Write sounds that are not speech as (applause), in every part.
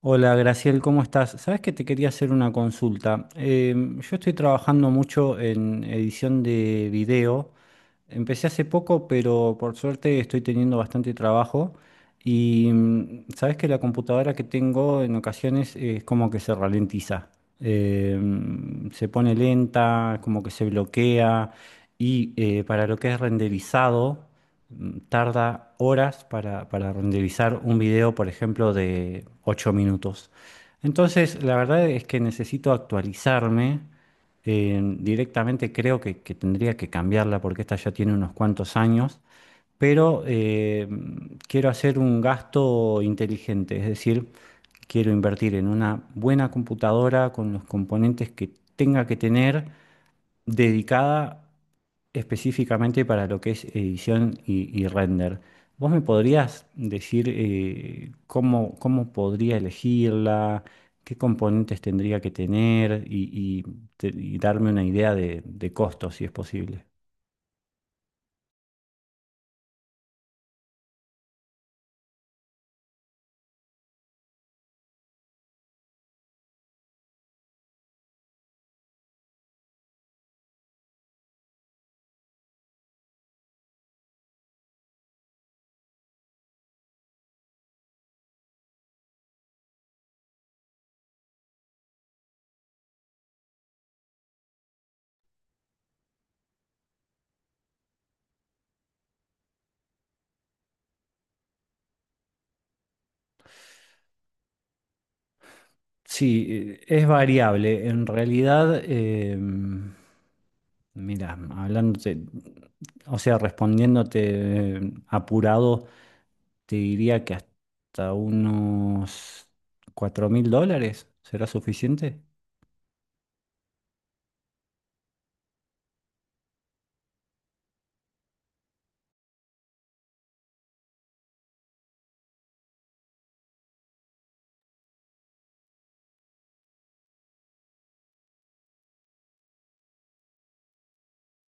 Hola, Graciel, ¿cómo estás? Sabes que te quería hacer una consulta. Yo estoy trabajando mucho en edición de video. Empecé hace poco, pero por suerte estoy teniendo bastante trabajo. Y sabes que la computadora que tengo en ocasiones es como que se ralentiza. Se pone lenta, como que se bloquea. Y para lo que es renderizado tarda horas para renderizar un video, por ejemplo, de 8 minutos. Entonces, la verdad es que necesito actualizarme. Directamente creo que tendría que cambiarla porque esta ya tiene unos cuantos años, pero quiero hacer un gasto inteligente, es decir, quiero invertir en una buena computadora con los componentes que tenga que tener dedicada específicamente para lo que es edición y render. ¿Vos me podrías decir cómo podría elegirla, qué componentes tendría que tener y y darme una idea de costos, si es posible? Sí, es variable. En realidad, mira, hablándote, o sea, respondiéndote apurado. Te diría que hasta unos 4.000 dólares será suficiente.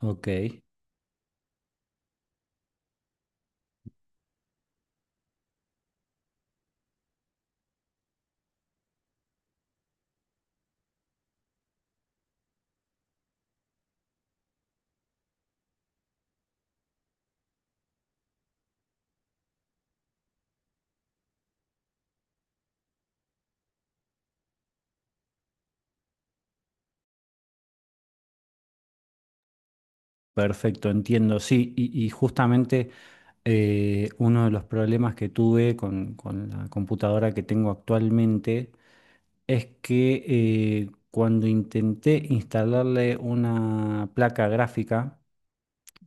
Ok, perfecto, entiendo. Sí, y justamente uno de los problemas que tuve con la computadora que tengo actualmente es que cuando intenté instalarle una placa gráfica,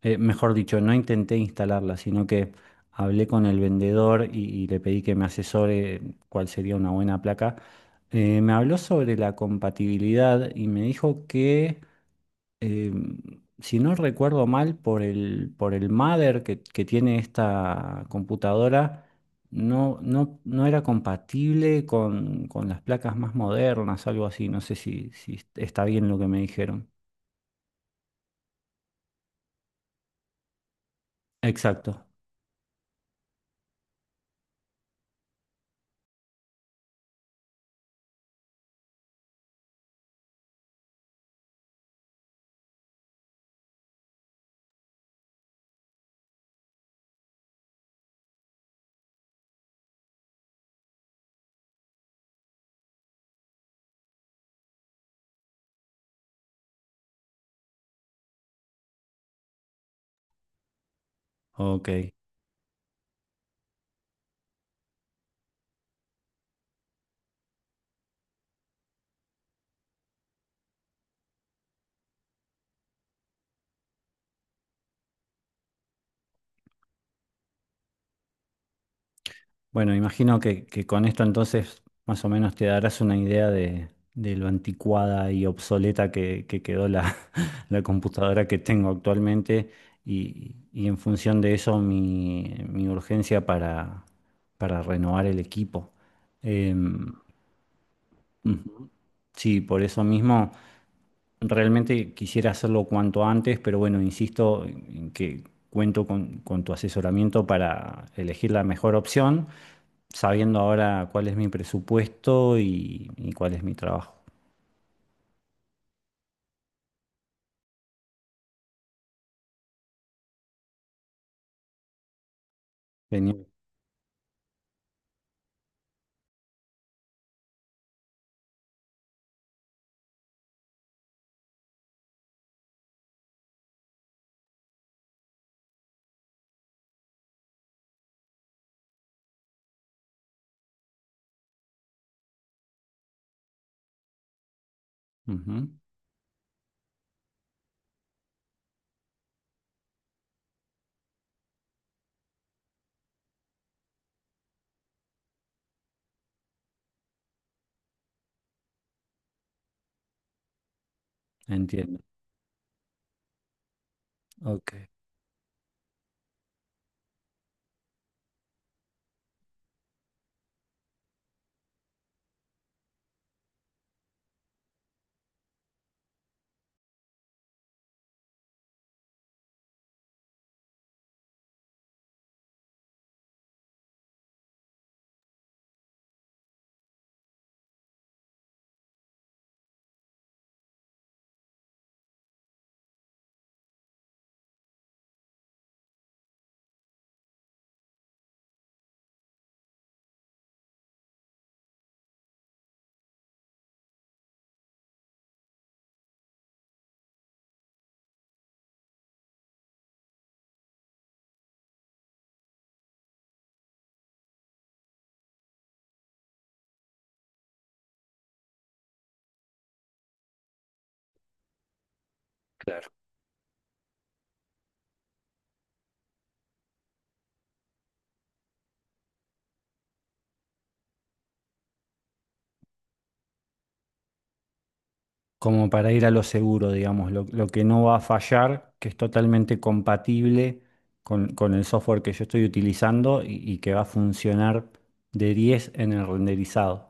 mejor dicho, no intenté instalarla, sino que hablé con el vendedor y le pedí que me asesore cuál sería una buena placa. Me habló sobre la compatibilidad y me dijo que, eh, si no recuerdo mal, por el mother que tiene esta computadora, no, no, no era compatible con las placas más modernas, algo así. No sé si está bien lo que me dijeron. Exacto. Ok. Bueno, imagino que con esto entonces más o menos te darás una idea de lo anticuada y obsoleta que quedó la, (laughs) la computadora que tengo actualmente y en función de eso mi urgencia para renovar el equipo. Em, Ujú, sí, por eso mismo realmente quisiera hacerlo cuanto antes, pero bueno, insisto en que cuento con tu asesoramiento para elegir la mejor opción sabiendo ahora cuál es mi presupuesto y cuál es mi trabajo. Genial. Ujú. Entiendo. Ok, claro. Como para ir a lo seguro, digamos, lo que no va a fallar, que es totalmente compatible con el software que yo estoy utilizando y que va a funcionar de 10 en el renderizado.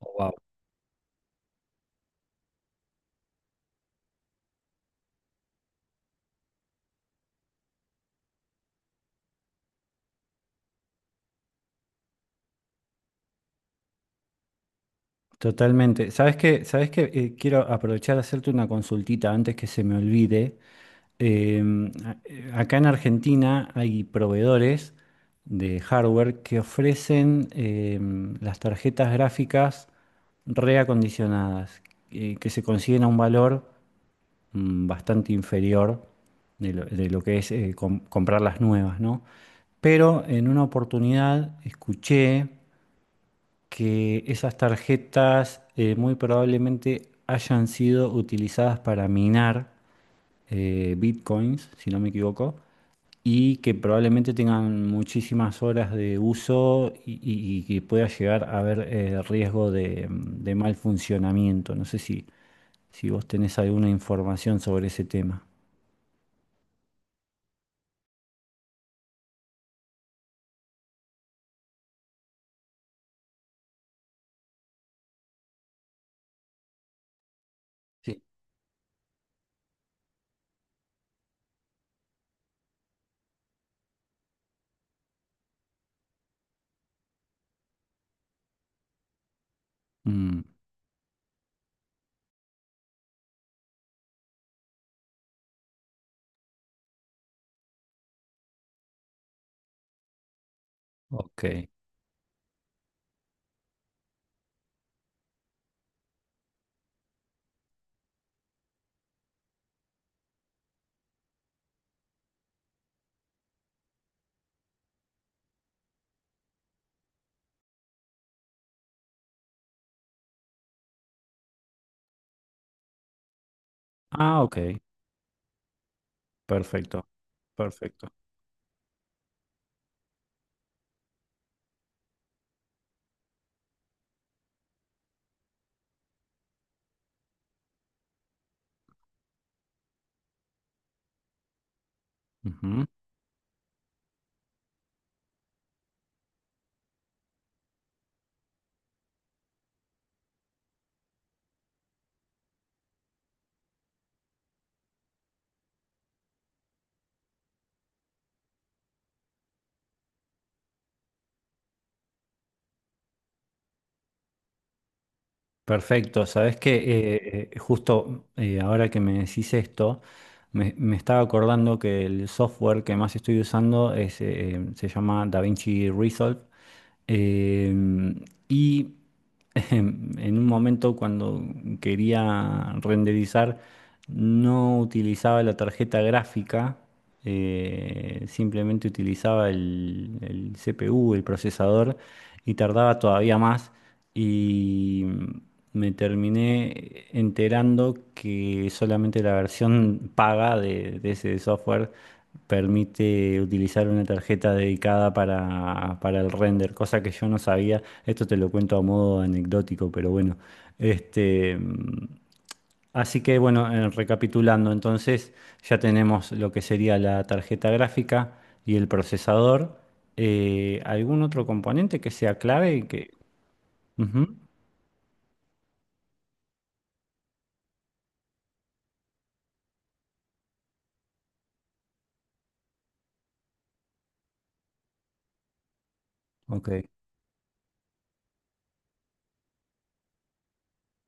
Wow. Totalmente. ¿Sabes qué? ¿Sabes qué? Quiero aprovechar a hacerte una consultita antes que se me olvide. Acá en Argentina hay proveedores de hardware que ofrecen las tarjetas gráficas reacondicionadas, que se consiguen a un valor bastante inferior de lo que es comprar las nuevas, ¿no? Pero en una oportunidad escuché que esas tarjetas muy probablemente hayan sido utilizadas para minar bitcoins, si no me equivoco, y que probablemente tengan muchísimas horas de uso y que pueda llegar a haber riesgo de mal funcionamiento. No sé si vos tenés alguna información sobre ese tema. Sí. Mm, ok. Ah, ok. Perfecto. Perfecto. Ujú. Perfecto, sabes que justo ahora que me decís esto, me estaba acordando que el software que más estoy usando se llama DaVinci Resolve. Em, y (laughs) en un momento cuando quería renderizar, no utilizaba la tarjeta gráfica, simplemente utilizaba el CPU, el procesador, y tardaba todavía más y me terminé enterando que solamente la versión paga de ese software permite utilizar una tarjeta dedicada para el render, cosa que yo no sabía. Esto te lo cuento a modo anecdótico, pero bueno, este. Así que bueno, recapitulando, entonces ya tenemos lo que sería la tarjeta gráfica y el procesador. ¿Algún otro componente que sea clave y que? Ujú. Ok.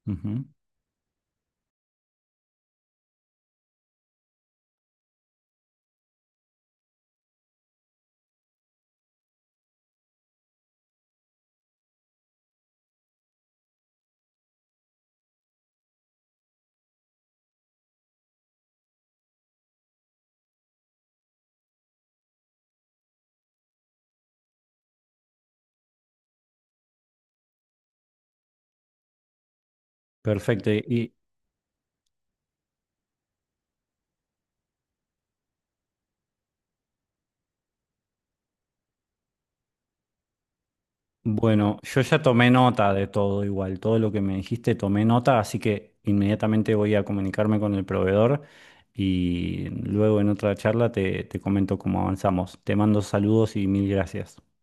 Ujú. Perfecto. Y bueno, yo ya tomé nota de todo igual, todo lo que me dijiste, tomé nota, así que inmediatamente voy a comunicarme con el proveedor y luego en otra charla te comento cómo avanzamos. Te mando saludos y mil gracias.